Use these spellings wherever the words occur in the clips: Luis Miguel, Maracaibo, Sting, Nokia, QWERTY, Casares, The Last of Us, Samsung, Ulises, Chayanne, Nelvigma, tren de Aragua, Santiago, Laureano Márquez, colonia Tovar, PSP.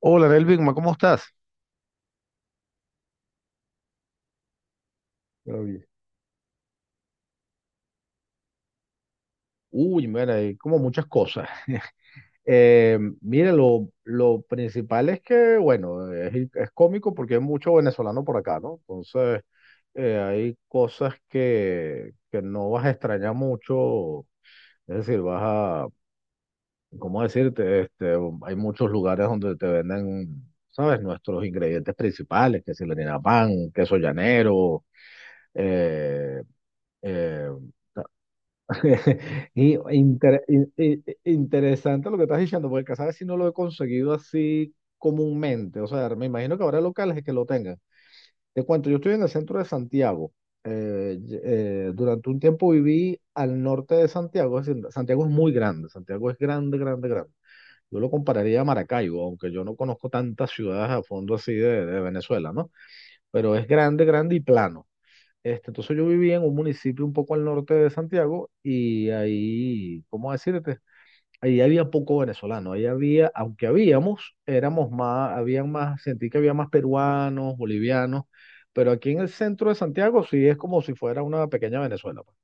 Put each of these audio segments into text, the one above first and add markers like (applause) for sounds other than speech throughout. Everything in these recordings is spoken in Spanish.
Hola, Nelvigma, ¿cómo estás? Pero bien. Uy, mira, hay como muchas cosas. (laughs) Mira, lo principal es que, bueno, es cómico porque hay mucho venezolano por acá, ¿no? Entonces, hay cosas que no vas a extrañar mucho. Es decir, vas a, ¿cómo decirte? Hay muchos lugares donde te venden, ¿sabes? Nuestros ingredientes principales, que si el harina pan, queso llanero, eh, eh, (laughs) Y interesante lo que estás diciendo, porque Casares si no lo he conseguido así comúnmente. O sea, me imagino que habrá locales que lo tengan. Te cuento, yo estoy en el centro de Santiago. Durante un tiempo viví al norte de Santiago. Es decir, Santiago es muy grande. Santiago es grande, grande, grande. Yo lo compararía a Maracaibo, aunque yo no conozco tantas ciudades a fondo así de Venezuela, ¿no? Pero es grande, grande y plano. Entonces yo vivía en un municipio un poco al norte de Santiago y ahí, ¿cómo decirte? Ahí había poco venezolano, ahí había, aunque habíamos, éramos más, habían más, sentí que había más peruanos, bolivianos, pero aquí en el centro de Santiago sí es como si fuera una pequeña Venezuela, pues.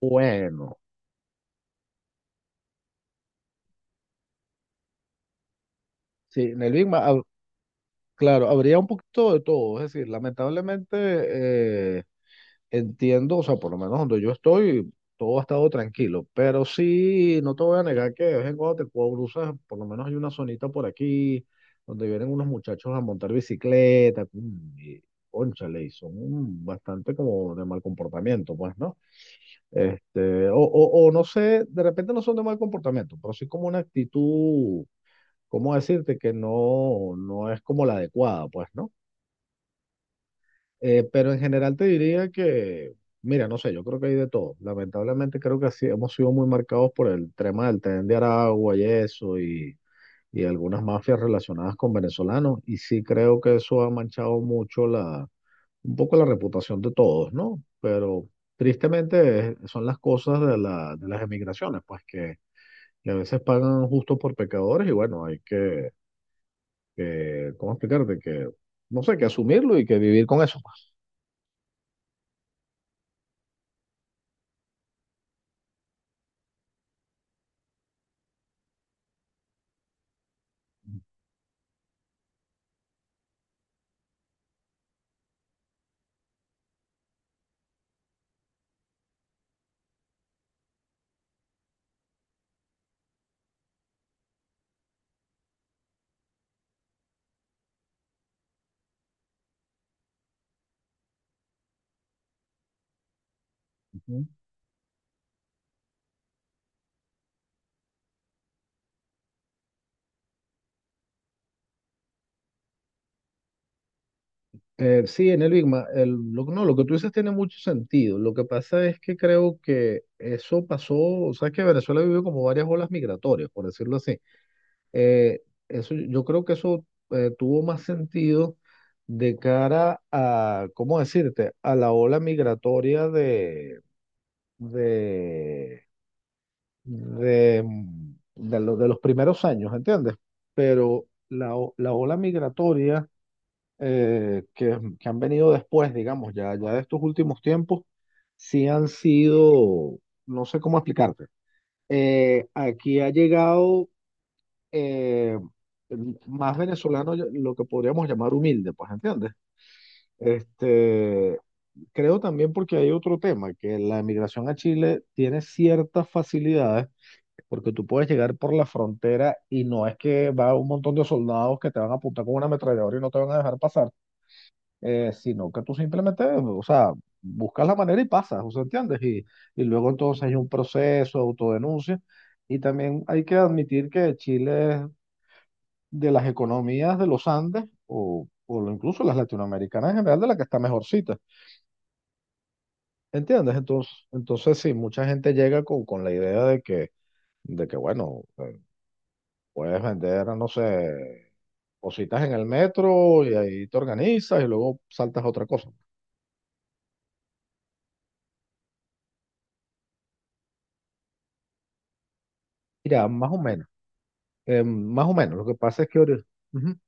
Bueno, sí, en el Big Mac, claro, habría un poquito de todo, es decir, lamentablemente, entiendo, o sea, por lo menos donde yo estoy, todo ha estado tranquilo, pero sí, no te voy a negar que de vez en cuando te cruzas, por lo menos hay una zonita por aquí donde vienen unos muchachos a montar bicicleta, y cónchale, y son bastante como de mal comportamiento, pues, ¿no? Este, o no sé, de repente no son de mal comportamiento, pero sí como una actitud, ¿cómo decirte? Que no, no es como la adecuada, pues, ¿no? Pero en general te diría que, mira, no sé, yo creo que hay de todo. Lamentablemente creo que así hemos sido muy marcados por el tema del tren de Aragua y eso, y algunas mafias relacionadas con venezolanos. Y sí creo que eso ha manchado mucho un poco la reputación de todos, ¿no? Pero tristemente, son las cosas de las emigraciones, pues que a veces pagan justo por pecadores y bueno, ¿cómo explicarte? Que, no sé, que asumirlo y que vivir con eso, pues. Sí, en el Big Ma- el, lo, no, lo que tú dices tiene mucho sentido. Lo que pasa es que creo que eso pasó, o sea, que Venezuela vivió como varias olas migratorias, por decirlo así. Eh, Eso, yo creo que eso tuvo más sentido de cara a, ¿cómo decirte?, a la ola migratoria de, de, de los primeros años, ¿entiendes? Pero la ola migratoria, que han venido después, digamos, ya, ya de estos últimos tiempos, sí han sido, no sé cómo explicarte. Aquí ha llegado, eh, más venezolano, lo que podríamos llamar humilde, pues, ¿entiendes? Este, Creo también porque hay otro tema, que la emigración a Chile tiene ciertas facilidades, porque tú puedes llegar por la frontera y no es que va un montón de soldados que te van a apuntar con una ametralladora y no te van a dejar pasar, sino que tú simplemente, o sea, buscas la manera y pasas, o sea, ¿entiendes? Y luego entonces hay un proceso, autodenuncia, y también hay que admitir que Chile es de las economías de los Andes, incluso las latinoamericanas en general, de la que está mejorcita, ¿entiendes? Entonces sí, mucha gente llega con la idea de que bueno, puedes vender, no sé, cositas en el metro y ahí te organizas y luego saltas a otra cosa. Mira, más o menos. Más o menos, lo que pasa es que... Ujú.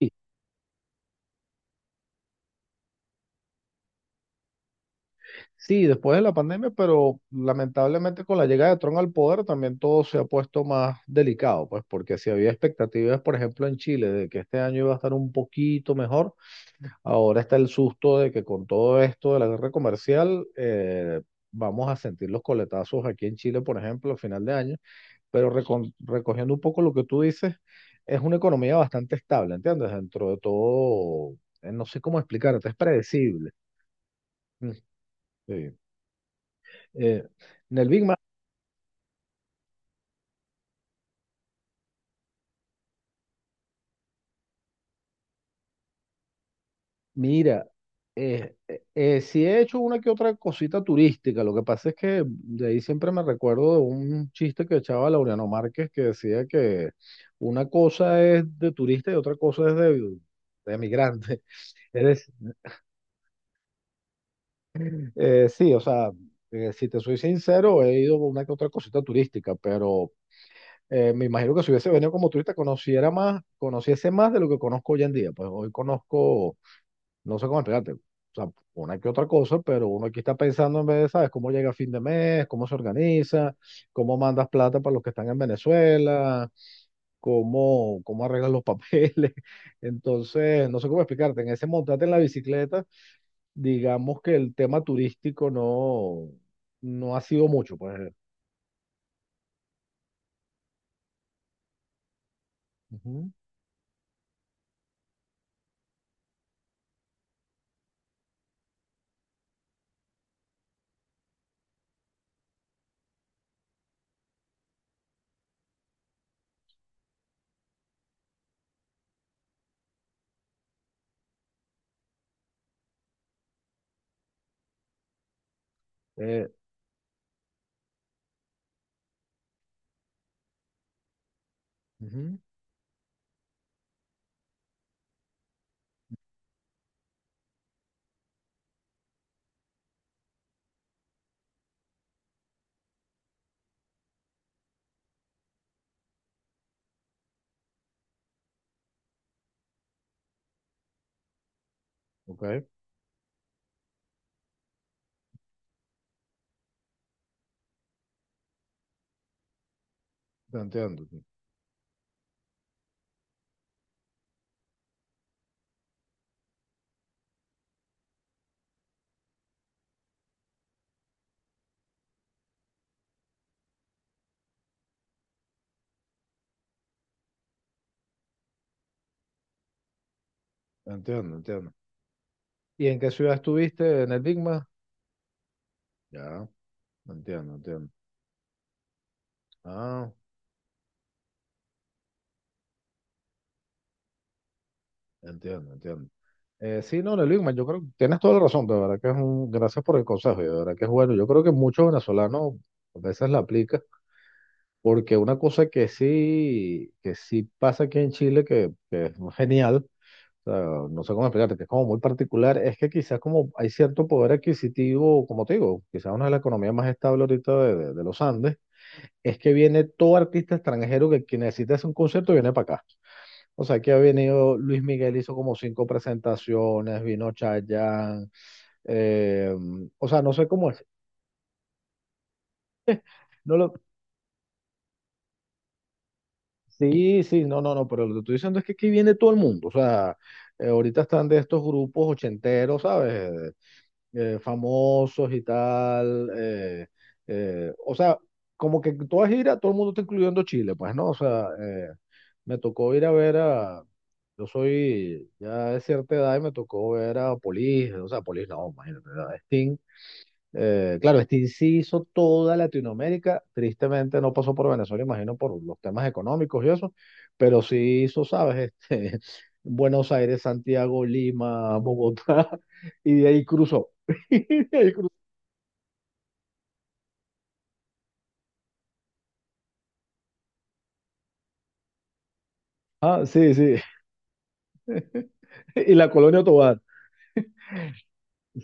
Sí, sí, después de la pandemia, pero lamentablemente con la llegada de Trump al poder también todo se ha puesto más delicado, pues porque si había expectativas, por ejemplo, en Chile de que este año iba a estar un poquito mejor, ahora está el susto de que con todo esto de la guerra comercial, vamos a sentir los coletazos aquí en Chile, por ejemplo, a final de año. Pero, recogiendo un poco lo que tú dices, es una economía bastante estable, ¿entiendes? Dentro de todo, no sé cómo explicarte, es predecible. Mm. Sí. Eh, en Mira, sí he hecho una que otra cosita turística, lo que pasa es que de ahí siempre me recuerdo de un chiste que echaba Laureano Márquez que decía que una cosa es de turista y otra cosa es de emigrante. (laughs) Es Sí, o sea, si te soy sincero, he ido a una que otra cosita turística, pero me imagino que si hubiese venido como turista, conociera más, conociese más de lo que conozco hoy en día. Pues hoy conozco, no sé cómo explicarte, o sea, una que otra cosa, pero uno aquí está pensando en vez de, ¿sabes? Cómo llega a fin de mes, cómo se organiza, cómo mandas plata para los que están en Venezuela, cómo arreglas los papeles. (laughs) Entonces, no sé cómo explicarte, en ese montarte en la bicicleta digamos que el tema turístico no, no ha sido mucho, pues. Ujú, eh, ujú, ok, te entiendo, te entiendo, entiendo. ¿Y en qué ciudad estuviste? ¿En el Big Mac? Ya, entiendo, entiendo. Ah, entiendo, entiendo. Sí, no, en el Big Mac, yo creo que tienes toda la razón, de verdad que gracias por el consejo, y de verdad que es bueno. Yo creo que muchos venezolanos a veces la aplican, porque una cosa que sí pasa aquí en Chile, que es genial, sea, no sé cómo explicarte, que es como muy particular. Es que quizás como hay cierto poder adquisitivo, como te digo, quizás una de las economías más estables ahorita de los Andes, es que viene todo artista extranjero que necesita hacer un concierto viene para acá. O sea, que ha venido Luis Miguel, hizo como cinco presentaciones, vino Chayanne, eh, o sea, no sé cómo es. No lo, sí, sí, no, no, no, pero lo que estoy diciendo es que aquí viene todo el mundo. O sea, ahorita están de estos grupos ochenteros, ¿sabes? Famosos y tal. O sea, como que toda gira, todo el mundo está incluyendo Chile, pues, ¿no? O sea, me tocó ir a ver a. Yo soy ya de cierta edad y me tocó ver a Polis, o sea, Polis no, imagínate, a Sting. Claro, Sting sí hizo toda Latinoamérica, tristemente no pasó por Venezuela, imagino por los temas económicos y eso, pero sí hizo, ¿sabes? (laughs) Buenos Aires, Santiago, Lima, Bogotá, (laughs) y de ahí. Cruzó. (laughs) Y de ahí. Ah, sí, sí. (laughs) Y la colonia Tovar.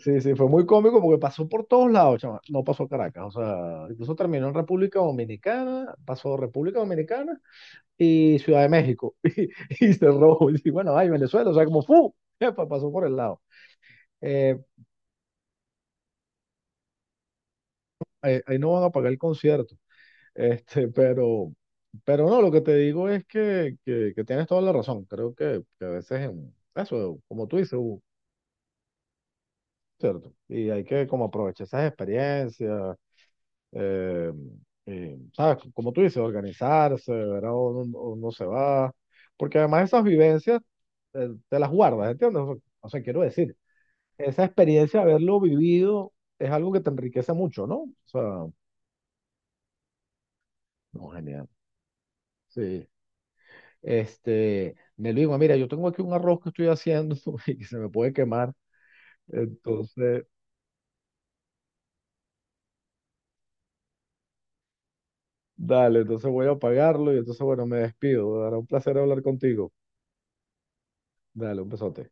Sí, sí, fue muy cómico porque pasó por todos lados, chama. No pasó a Caracas, o sea, incluso terminó en República Dominicana, pasó República Dominicana y Ciudad de México. (laughs) Y cerró. Y bueno, ay, Venezuela, o sea, como ¡fu! Epa, pasó por el lado. Eh, ahí no van a pagar el concierto. Este, pero, pero no, lo que te digo es que tienes toda la razón. Creo que a veces en eso, como tú dices, Hugo, ¿cierto? Y hay que como aprovechar esas experiencias. Eh, ¿Sabes? Como tú dices, organizarse, verá o no, no se va. Porque además esas vivencias, te las guardas, ¿entiendes? O sea, quiero decir, esa experiencia de haberlo vivido es algo que te enriquece mucho, ¿no? O sea, no, genial. Sí. Nelvigma, mira, yo tengo aquí un arroz que estoy haciendo (laughs) y que se me puede quemar. Entonces, Dale, entonces voy a apagarlo y entonces, bueno, me despido. Era un placer hablar contigo. Dale, un besote.